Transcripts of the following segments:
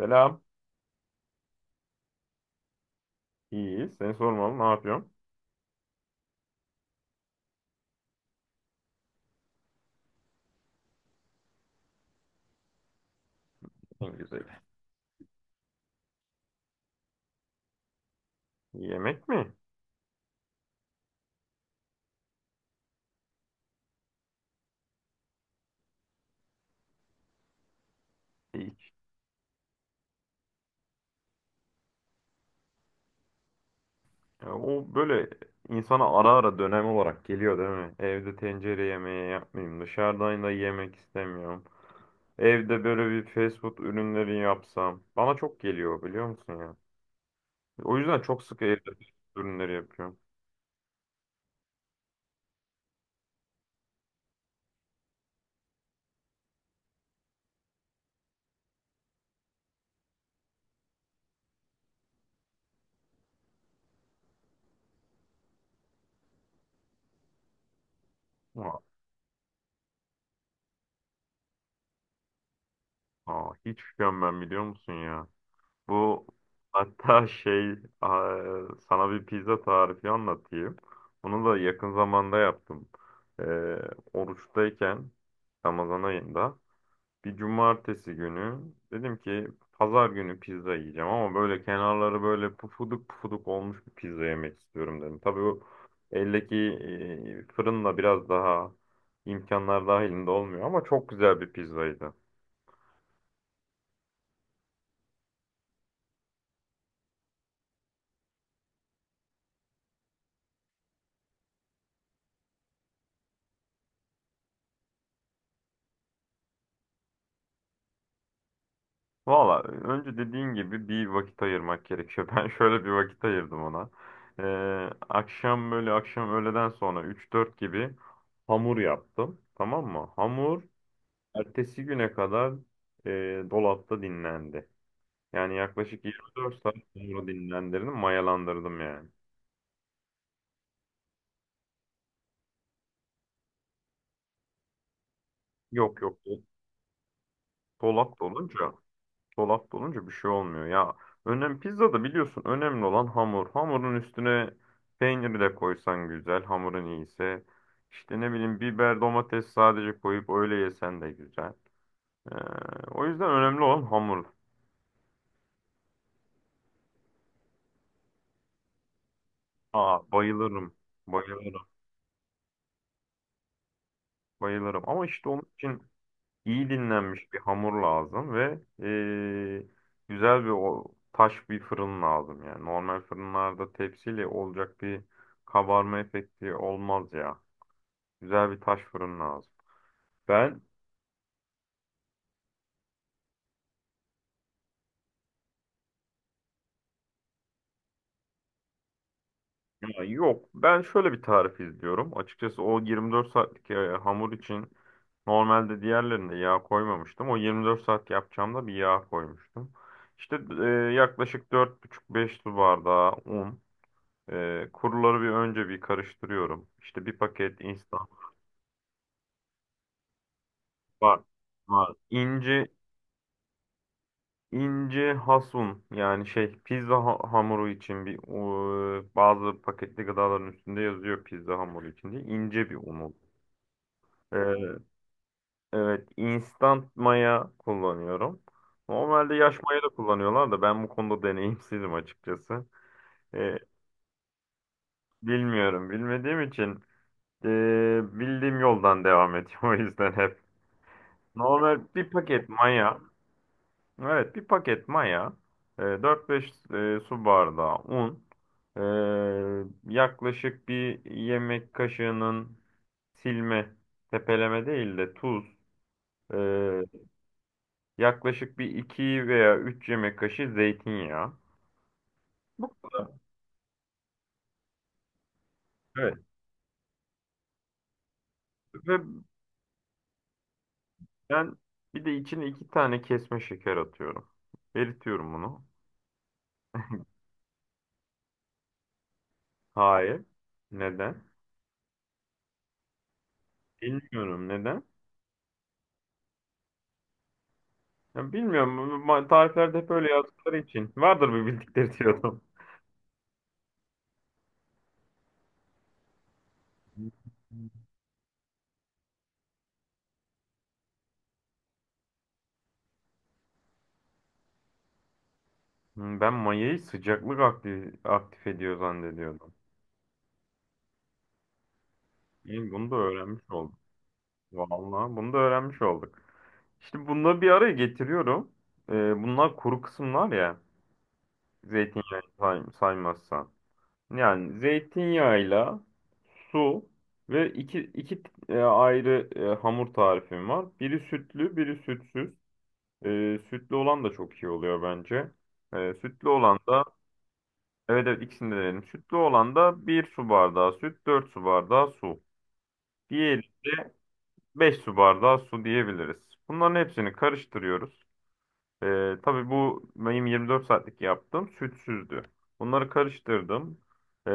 Selam. İyi. Seni sormalı. Ne yapıyorsun? En güzeli. Yemek mi? İyi. Ya o böyle insana ara ara dönem olarak geliyor değil mi? Evde tencere yemeği yapmayayım. Dışarıdan da yemek istemiyorum. Evde böyle bir fast food ürünleri yapsam. Bana çok geliyor biliyor musun ya? O yüzden çok sık evde fast food ürünleri yapıyorum. Aa, aa, hiç üşenmem biliyor musun ya? Bu hatta aa, sana bir pizza tarifi anlatayım. Bunu da yakın zamanda yaptım. e, Oruçtayken Ramazan ayında bir cumartesi günü dedim ki pazar günü pizza yiyeceğim, ama böyle kenarları böyle pufuduk pufuduk olmuş bir pizza yemek istiyorum dedim. Tabii o eldeki fırınla biraz daha imkanlar dahilinde olmuyor ama çok güzel bir pizzaydı. Valla önce dediğin gibi bir vakit ayırmak gerekiyor. Ben şöyle bir vakit ayırdım ona. E, akşam, öğleden sonra 3-4 gibi hamur yaptım. Tamam mı? Ertesi güne kadar e, dolapta dinlendi. Yani yaklaşık 24 saat sonra dinlendirdim, mayalandırdım yani. Yok yok, do- Dolap dolunca, dolap dolunca bir şey olmuyor. Ya, pizzada biliyorsun önemli olan hamur. Hamurun üstüne peyniri de koysan güzel, hamurun iyiyse. İşte ne bileyim biber, domates sadece koyup öyle yesen de güzel. Ee, O yüzden önemli olan hamur. Aa, bayılırım, bayılırım, bayılırım. Ama işte onun için iyi dinlenmiş bir hamur lazım ve güzel bir taş bir fırın lazım yani. Normal fırınlarda tepsiyle olacak bir kabarma efekti olmaz ya. Güzel bir taş fırın lazım. Ben ya yok ben şöyle bir tarif izliyorum. Açıkçası o 24 saatlik hamur için normalde diğerlerinde yağ koymamıştım. O 24 saat yapacağımda bir yağ koymuştum. İşte e, Yaklaşık buçuk beş su bardağı un. Kuruları bir önce bir karıştırıyorum. İşte bir paket instant var. Var. İnce hasun yani pizza hamuru için bazı paketli gıdaların üstünde yazıyor pizza hamuru için diye ince bir un oluyor. Ee, evet, instant maya kullanıyorum. Normalde yaş maya da kullanıyorlar da ben bu konuda deneyimsizim açıkçası. Ee, Bilmiyorum, bilmediğim için ee, bildiğim yoldan devam ediyorum o yüzden hep. Normal bir paket maya. Evet, bir paket maya. 4-5 su bardağı un. Yaklaşık bir yemek kaşığının silme, tepeleme değil de tuz. e, Yaklaşık bir 2 veya 3 yemek kaşığı zeytinyağı. Bu kadar. Evet. Ve ben bir de içine 2 tane kesme şeker atıyorum. Eritiyorum bunu. Hayır. Neden? Bilmiyorum neden. Ya bilmiyorum. Bu tariflerde hep öyle yazdıkları için. Vardır bir bildikleri diyordum. Hmm. Ben mayayı sıcaklık aktif ediyor zannediyordum. İyi, bunu da öğrenmiş olduk. Vallahi bunu da öğrenmiş olduk. İşte bunları bir araya getiriyorum. Ee, Bunlar kuru kısımlar ya. Zeytinyağı saymazsan. Yani zeytinyağıyla su ve iki ayrı hamur tarifim var. Biri sütlü, biri sütsüz. Sütlü olan da çok iyi oluyor bence. Sütlü olan da, evet, evet, ikisini de denedim. Sütlü olan da bir su bardağı süt, 4 su bardağı su. Diğeri de 5 su bardağı su diyebiliriz. Bunların hepsini karıştırıyoruz. Tabii bu benim 24 saatlik yaptığım sütsüzdü. Bunları karıştırdım. Ee,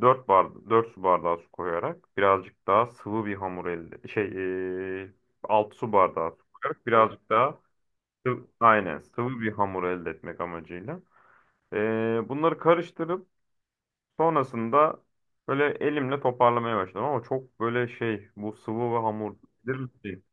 4 bardağı, 4 su bardağı su koyarak birazcık daha sıvı bir hamur elde şey ee, 6 su bardağı su koyarak birazcık daha aynen sıvı bir hamur elde etmek amacıyla. Bunları karıştırıp sonrasında böyle elimle toparlamaya başladım, ama çok böyle bu sıvı ve hamur bilir misin?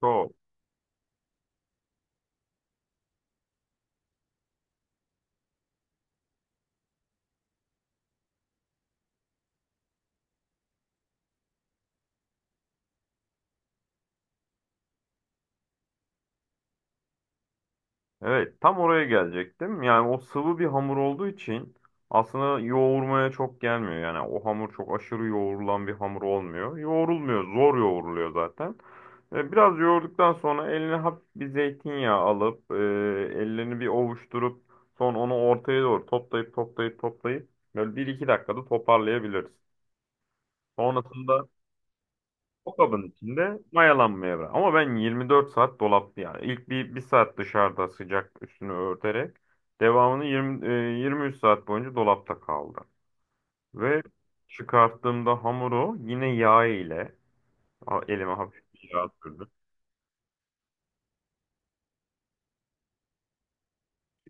Çok. Evet, tam oraya gelecektim. Yani o sıvı bir hamur olduğu için aslında yoğurmaya çok gelmiyor. Yani o hamur çok aşırı yoğurulan bir hamur olmuyor. Yoğrulmuyor, zor yoğuruluyor zaten. Biraz yoğurduktan sonra eline hafif bir zeytinyağı alıp, ellerini bir ovuşturup, sonra onu ortaya doğru toplayıp toplayıp toplayıp böyle bir iki dakikada toparlayabiliriz. Sonrasında o kabın içinde mayalanmaya bırak. Ama ben 24 saat dolapta yani. İlk bir saat dışarıda sıcak üstünü örterek devamını 23 saat boyunca dolapta kaldı. Ve çıkarttığımda hamuru yine yağ ile elime hafif bir yağ sürdüm.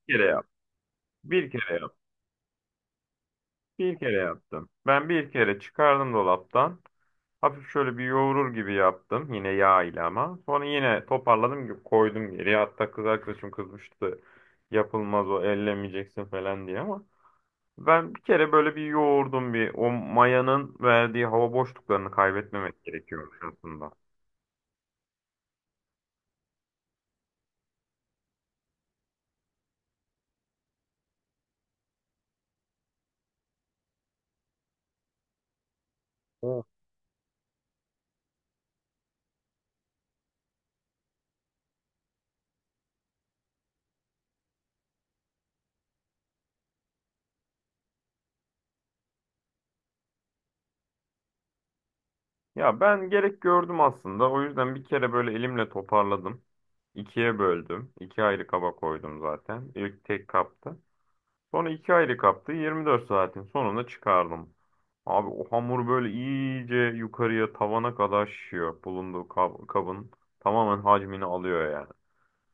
Bir kere yaptım. Bir kere yaptım. Bir kere yaptım. Ben bir kere çıkardım dolaptan. Hafif şöyle bir yoğurur gibi yaptım. Yine yağ ile ama. Sonra yine toparladım, koydum geriye. Hatta kız arkadaşım kızmıştı. Yapılmaz o, ellemeyeceksin falan diye ama. Ben bir kere böyle bir yoğurdum bir. O mayanın verdiği hava boşluklarını kaybetmemek gerekiyormuş aslında. O. Ya ben gerek gördüm aslında. O yüzden bir kere böyle elimle toparladım. İkiye böldüm. İki ayrı kaba koydum zaten. İlk tek kapta. Sonra iki aylık yaptı. 24 saatin sonunda çıkardım. Abi o hamur böyle iyice yukarıya tavana kadar şişiyor. Bulunduğu kabın tamamen hacmini alıyor yani.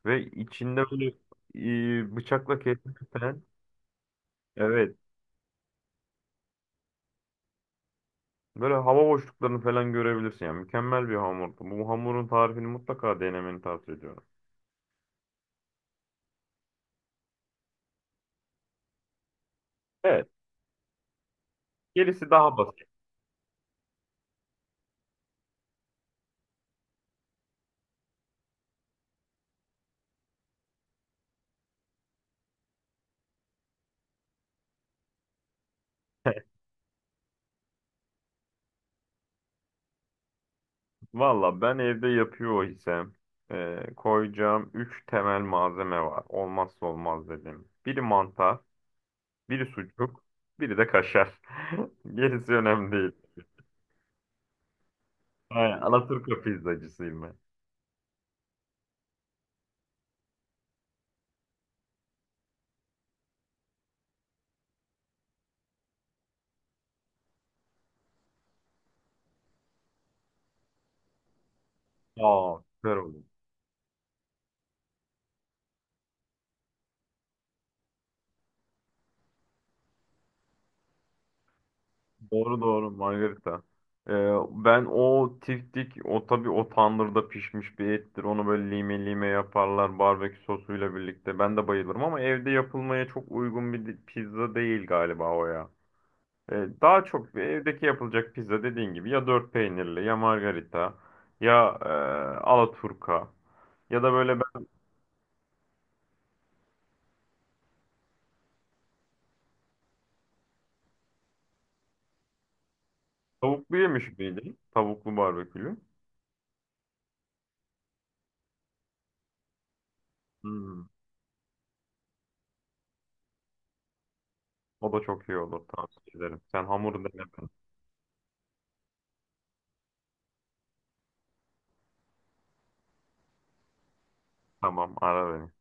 Ve içinde böyle bıçakla kesmişsen evet böyle hava boşluklarını falan görebilirsin yani. Mükemmel bir hamurdu. Bu hamurun tarifini mutlaka denemeni tavsiye ediyorum. Evet. Gerisi daha basit. Valla ben evde yapıyor isem koyacağım 3 temel malzeme var. Olmazsa olmaz dedim. Biri mantar, biri sucuk, biri de kaşar. Gerisi önemli değil. Aynen, Alaturka pizzacısıyım ben. Aa, süper oldu. Doğru, doğru, Margarita. E, Ben o tiftik, o tabii o tandırda pişmiş bir ettir. Onu böyle lime lime yaparlar barbekü sosuyla birlikte. Ben de bayılırım ama evde yapılmaya çok uygun bir pizza değil galiba o ya. E, Daha çok bir evdeki yapılacak pizza dediğin gibi ya dört peynirli ya margarita ya alaturka ya da böyle ben tavuklu yemiş miydim? Tavuklu barbekülü. Hmm. O da çok iyi olur, tavsiye ederim. Sen hamuru dene ben. Tamam, ara beni.